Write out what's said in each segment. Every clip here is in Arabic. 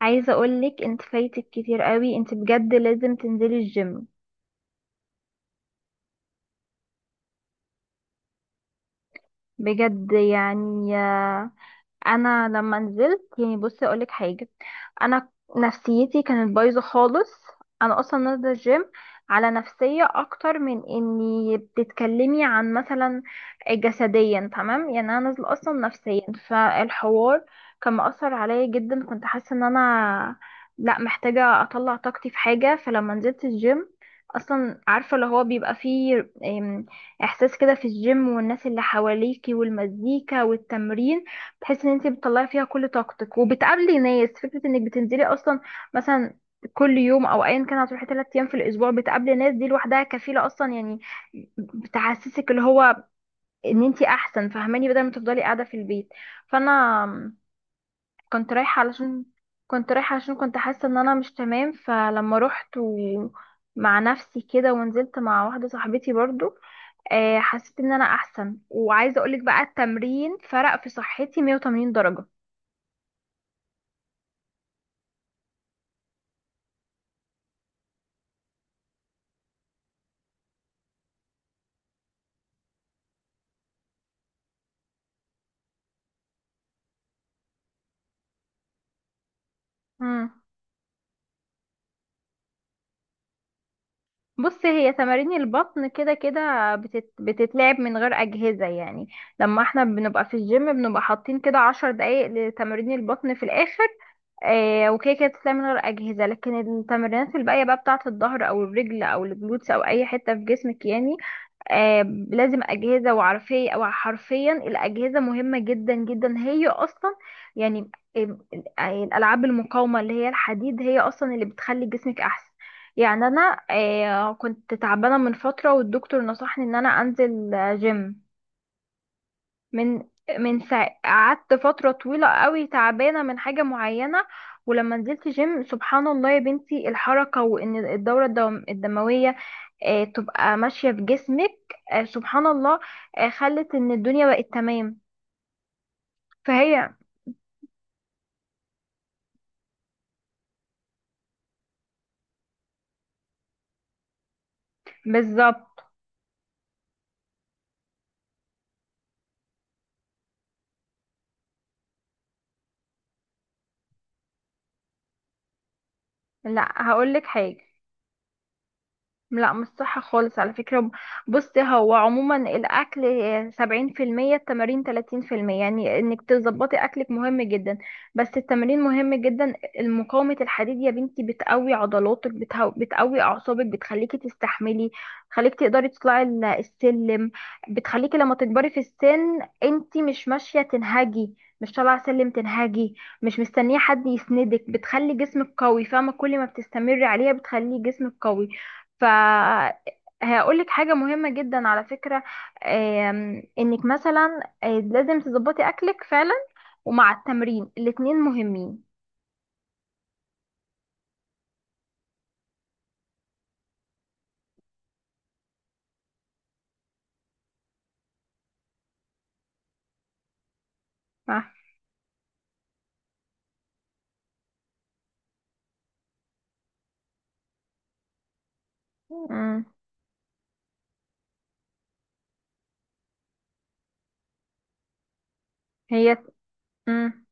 عايزة اقولك انت فايتك كتير قوي. انت بجد لازم تنزلي الجيم. بجد يعني انا لما نزلت يعني، بصي اقولك حاجه. انا نفسيتي كانت بايظه خالص. انا اصلا نازله الجيم على نفسيه اكتر من اني بتتكلمي عن مثلا جسديا تمام. يعني انا نازله اصلا نفسيا. فالحوار كان مأثر عليا جدا. كنت حاسه ان انا لا، محتاجه اطلع طاقتي في حاجه. فلما نزلت الجيم اصلا عارفه اللي هو بيبقى فيه احساس كده في الجيم، والناس اللي حواليكي والمزيكا والتمرين، تحس ان انت بتطلعي فيها كل طاقتك وبتقابلي ناس. فكرة انك بتنزلي اصلا مثلا كل يوم او ايا كان هتروحي 3 ايام في الاسبوع بتقابلي ناس، دي لوحدها كفيلة اصلا، يعني بتحسسك اللي هو ان انت احسن، فاهماني؟ بدل ما تفضلي قاعدة في البيت. فانا كنت رايحة علشان كنت رايحة علشان كنت حاسة ان انا مش تمام. فلما رحت مع نفسي كده، ونزلت مع واحدة صاحبتي برضو، حسيت ان انا احسن. وعايزة اقولك بقى، التمرين فرق في صحتي 180 درجة. مم. بص، هي تمارين البطن كده كده بتتلعب من غير أجهزة يعني. لما احنا بنبقى في الجيم بنبقى حاطين كده 10 دقايق لتمارين البطن في الآخر، آه. وكده كده بتتلعب من غير أجهزة، لكن التمرينات الباقية بقى بتاعة الظهر أو الرجل أو الجلوتس أو أي حتة في جسمك يعني آه لازم أجهزة. وعارفية أو حرفيا الأجهزة مهمة جدا جدا، هي أصلا يعني آم، الألعاب المقاومة اللي هي الحديد هي أصلا اللي بتخلي جسمك أحسن. يعني أنا كنت تعبانة من فترة، والدكتور نصحني إن أنا أنزل جيم. من من ساعة قعدت فترة طويلة قوي تعبانة من حاجة معينة، ولما نزلت جيم سبحان الله يا بنتي، الحركة وإن الدورة الدموية تبقى ماشية بجسمك، سبحان الله، خلت ان الدنيا بقت تمام. فهي بالظبط. لا، هقولك حاجة. لا، مش صح خالص على فكرة. بص، هو عموما الأكل 70%، التمارين 30%. يعني إنك تظبطي أكلك مهم جدا، بس التمارين مهم جدا. مقاومة الحديد يا بنتي بتقوي عضلاتك، بتقوي أعصابك، بتخليكي تستحملي، بتخليكي تقدري تطلعي السلم، بتخليكي لما تكبري في السن انتي مش ماشية تنهجي، مش طالعة سلم تنهجي، مش مستنية حد يسندك. بتخلي جسمك قوي، فاهمة؟ كل ما بتستمري عليها بتخلي جسمك قوي. فهقول لك حاجة مهمة جدا على فكرة، انك مثلا لازم تظبطي اكلك فعلا، ومع التمرين الاتنين مهمين. صح. مم. هي مم.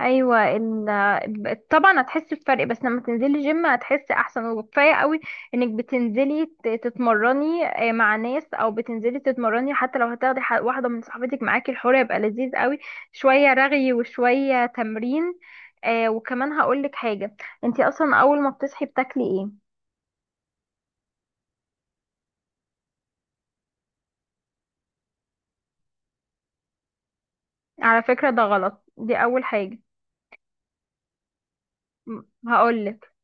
ايوه طبعا هتحسي بفرق، بس لما تنزلي جيم هتحسي احسن. وكفايه قوي انك بتنزلي تتمرني مع ناس، او بتنزلي تتمرني حتى لو هتاخدي واحده من صاحبتك معاكي، الحوار يبقى لذيذ قوي. شويه رغي وشويه تمرين. وكمان هقولك حاجه، انتي اصلا اول ما بتصحي بتاكلي ايه؟ على فكره ده غلط، دي اول حاجه. م- هقولك،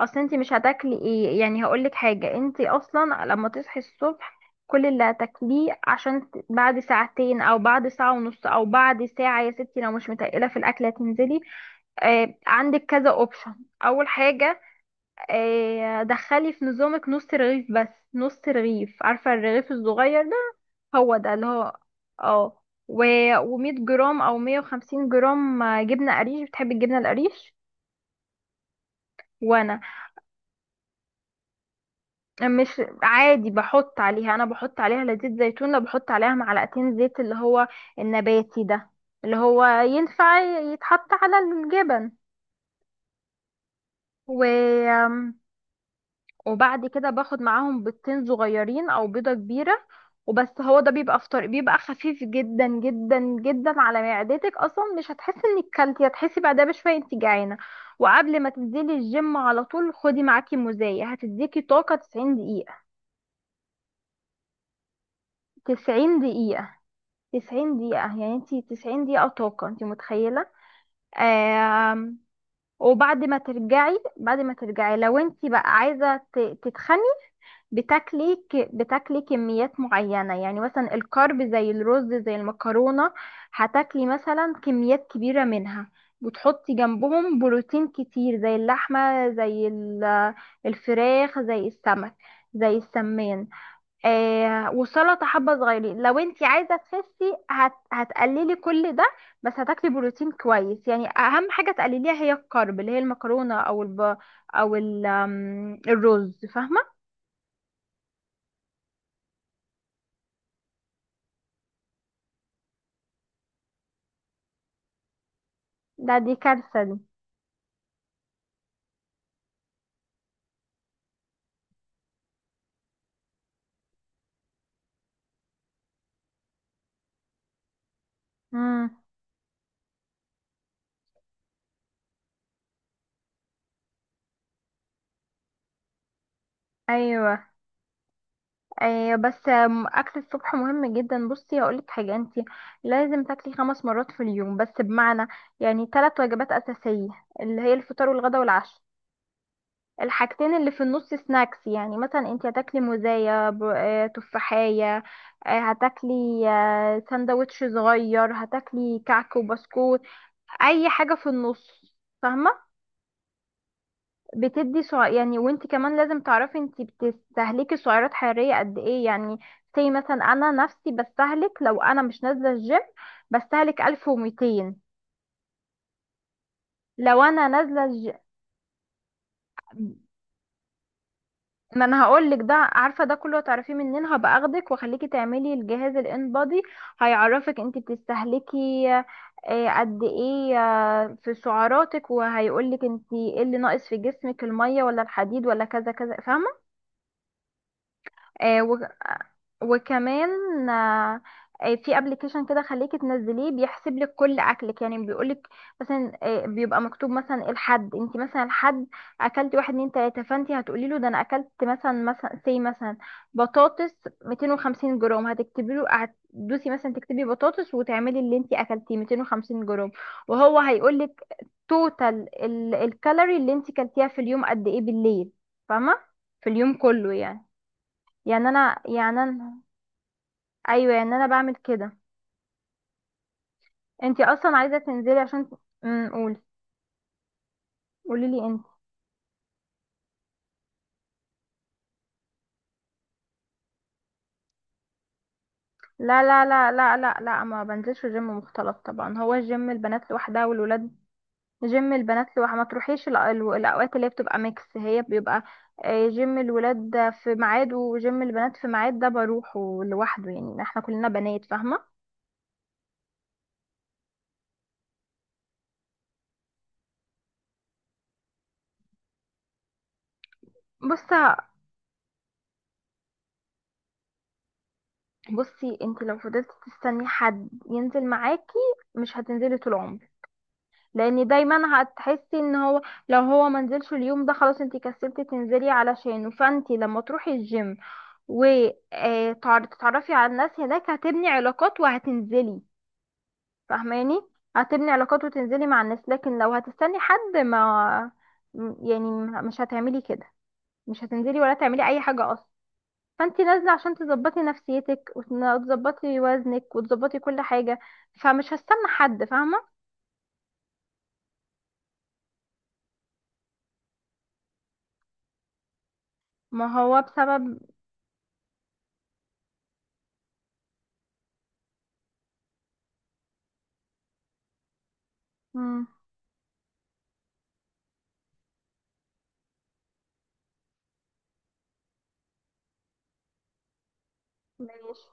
اصل انت مش هتاكلي ايه يعني. هقولك حاجه، انت اصلا لما تصحي الصبح كل اللي هتاكليه عشان بعد ساعتين او بعد ساعه ونص او بعد ساعه يا ستي، لو مش متقله في الاكله تنزلي. آه، عندك كذا اوبشن. اول حاجه، آه، دخلي في نظامك نص رغيف بس. نص رغيف، عارفه الرغيف الصغير ده؟ هو ده اللي هو، اه، و و100 جرام او 150 جرام جبنه قريش. بتحبي الجبنه القريش؟ وانا مش، عادي بحط عليها. انا بحط عليها، لا زيت زيتون، لا، بحط عليها معلقتين زيت اللي هو النباتي ده، اللي هو ينفع يتحط على الجبن. و... وبعد كده باخد معاهم بيضتين صغيرين او بيضة كبيرة، وبس. هو ده بيبقى فطار، بيبقى خفيف جدا جدا جدا على معدتك، اصلا مش هتحسي انك كلتي، هتحسي بعدها بشويه انت جعانه. وقبل ما تنزلي الجيم على طول خدي معاكي مزايا، هتديكي طاقه 90 دقيقه. 90 دقيقه، 90 دقيقة. يعني انتي 90 دقيقة طاقة، انتي متخيلة؟ آم، وبعد ما ترجعي، بعد ما ترجعي لو انتي بقى عايزة تتخني، بتاكلي كميات معينة، يعني مثلا الكارب زي الرز زي المكرونة، هتاكلي مثلا كميات كبيرة منها، وتحطي جنبهم بروتين كتير زي اللحمة زي الفراخ زي السمك زي السمان، والسلطه حبه صغيرين. لو انت عايزه تخسي هتقللي كل ده، بس هتاكلي بروتين كويس. يعني اهم حاجه تقلليها هي الكارب اللي هي المكرونه الرز، فاهمه؟ ده دي كارثه دي. امم. ايوه ايوه، بس اكل الصبح مهم جدا. بصي هقولك حاجه، انت لازم تاكلي 5 مرات في اليوم، بس بمعنى يعني 3 وجبات اساسيه اللي هي الفطار والغدا والعشاء، الحاجتين اللي في النص سناكس. يعني مثلا انت هتاكلي موزاية تفاحية، هتاكلي سندوتش صغير، هتاكلي كعك وبسكوت، اي حاجة في النص. فاهمة؟ يعني وانت كمان لازم تعرفي انت بتستهلكي سعرات حرارية قد ايه. يعني زي مثلا انا نفسي بستهلك، لو انا مش نازلة الجيم بستهلك 1200، لو انا نازلة الجيم. ما انا هقول لك ده، عارفه ده كله هتعرفيه منين؟ هبقى اخدك واخليكي تعملي الجهاز الان بادي. هيعرفك انت بتستهلكي قد ايه في سعراتك، وهيقولك انت ايه اللي ناقص في جسمك، الميه ولا الحديد ولا كذا كذا، فاهمه؟ وكمان آه، في ابلكيشن كده خليكي تنزليه، بيحسب لك كل اكلك. يعني بيقول لك مثلا بيبقى مكتوب مثلا إيه الحد، انت مثلا الحد اكلتي واحد اتنين تلاته، فانت هتقولي له، ده انا اكلت مثلا، سي مثلا بطاطس 250 جرام. هتكتبي له، هتدوسي مثلا تكتبي بطاطس، وتعملي اللي انت اكلتيه 250 جرام، وهو هيقول لك توتال الكالوري اللي انت كلتيها في اليوم قد ايه، بالليل، فاهمه؟ في اليوم كله يعني. يعني انا يعني انا ايوه يعني انا بعمل كده. انتي اصلا عايزه تنزلي عشان، قولي، قولي لي انت. لا لا لا لا لا لا، ما بنزلش جيم مختلط طبعا. هو الجيم البنات لوحدها والولاد، جيم البنات لوحدها. ما تروحيش الاوقات اللي هي بتبقى ميكس. هي بيبقى جيم الولاد ده في ميعاد وجيم البنات في ميعاد، ده بروحه لوحده. يعني احنا كلنا بنات، فاهمه؟ بص بصي، انت لو فضلت تستني حد ينزل معاكي مش هتنزلي طول عمرك، لان دايما هتحسي ان هو، لو هو منزلش اليوم ده خلاص انتي كسلتي تنزلي علشانه. فانتي لما تروحي الجيم وتتعرفي على الناس هناك هتبني علاقات وهتنزلي، فاهماني؟ هتبني علاقات وتنزلي مع الناس، لكن لو هتستني حد ما يعني مش هتعملي كده، مش هتنزلي ولا تعملي اي حاجة اصلا. فانتي نازلة عشان تظبطي نفسيتك وتظبطي وزنك وتظبطي كل حاجة، فمش هستنى حد، فاهمة؟ ما هو بسبب. مم. ماشي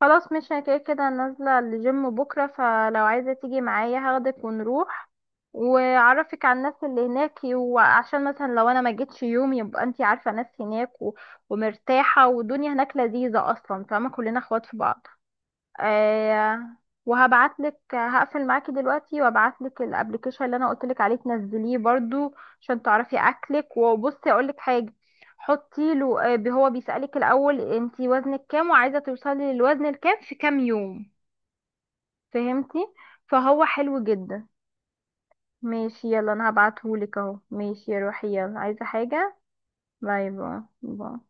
خلاص، مش أنا كده كده نازلة الجيم بكرة، فلو عايزة تيجي معايا هاخدك ونروح وأعرفك على الناس اللي هناك، وعشان مثلا لو أنا ما جيتش يوم يبقى انتي عارفة ناس هناك ومرتاحة، والدنيا هناك لذيذة أصلا. فاهمة، كلنا اخوات في بعض. آه. وهبعتلك، هقفل معاكي دلوقتي وابعتلك الابلكيشن اللي انا قلتلك عليه تنزليه برضو عشان تعرفي اكلك. وبصي اقولك حاجه، حطي له آه، هو بيسالك الاول انتي وزنك كام وعايزه توصلي للوزن الكام في كام يوم، فهمتي؟ فهو حلو جدا. ماشي يلا، انا هبعتهولك اهو. ماشي روحي يلا، عايزه حاجه؟ باي باي باي.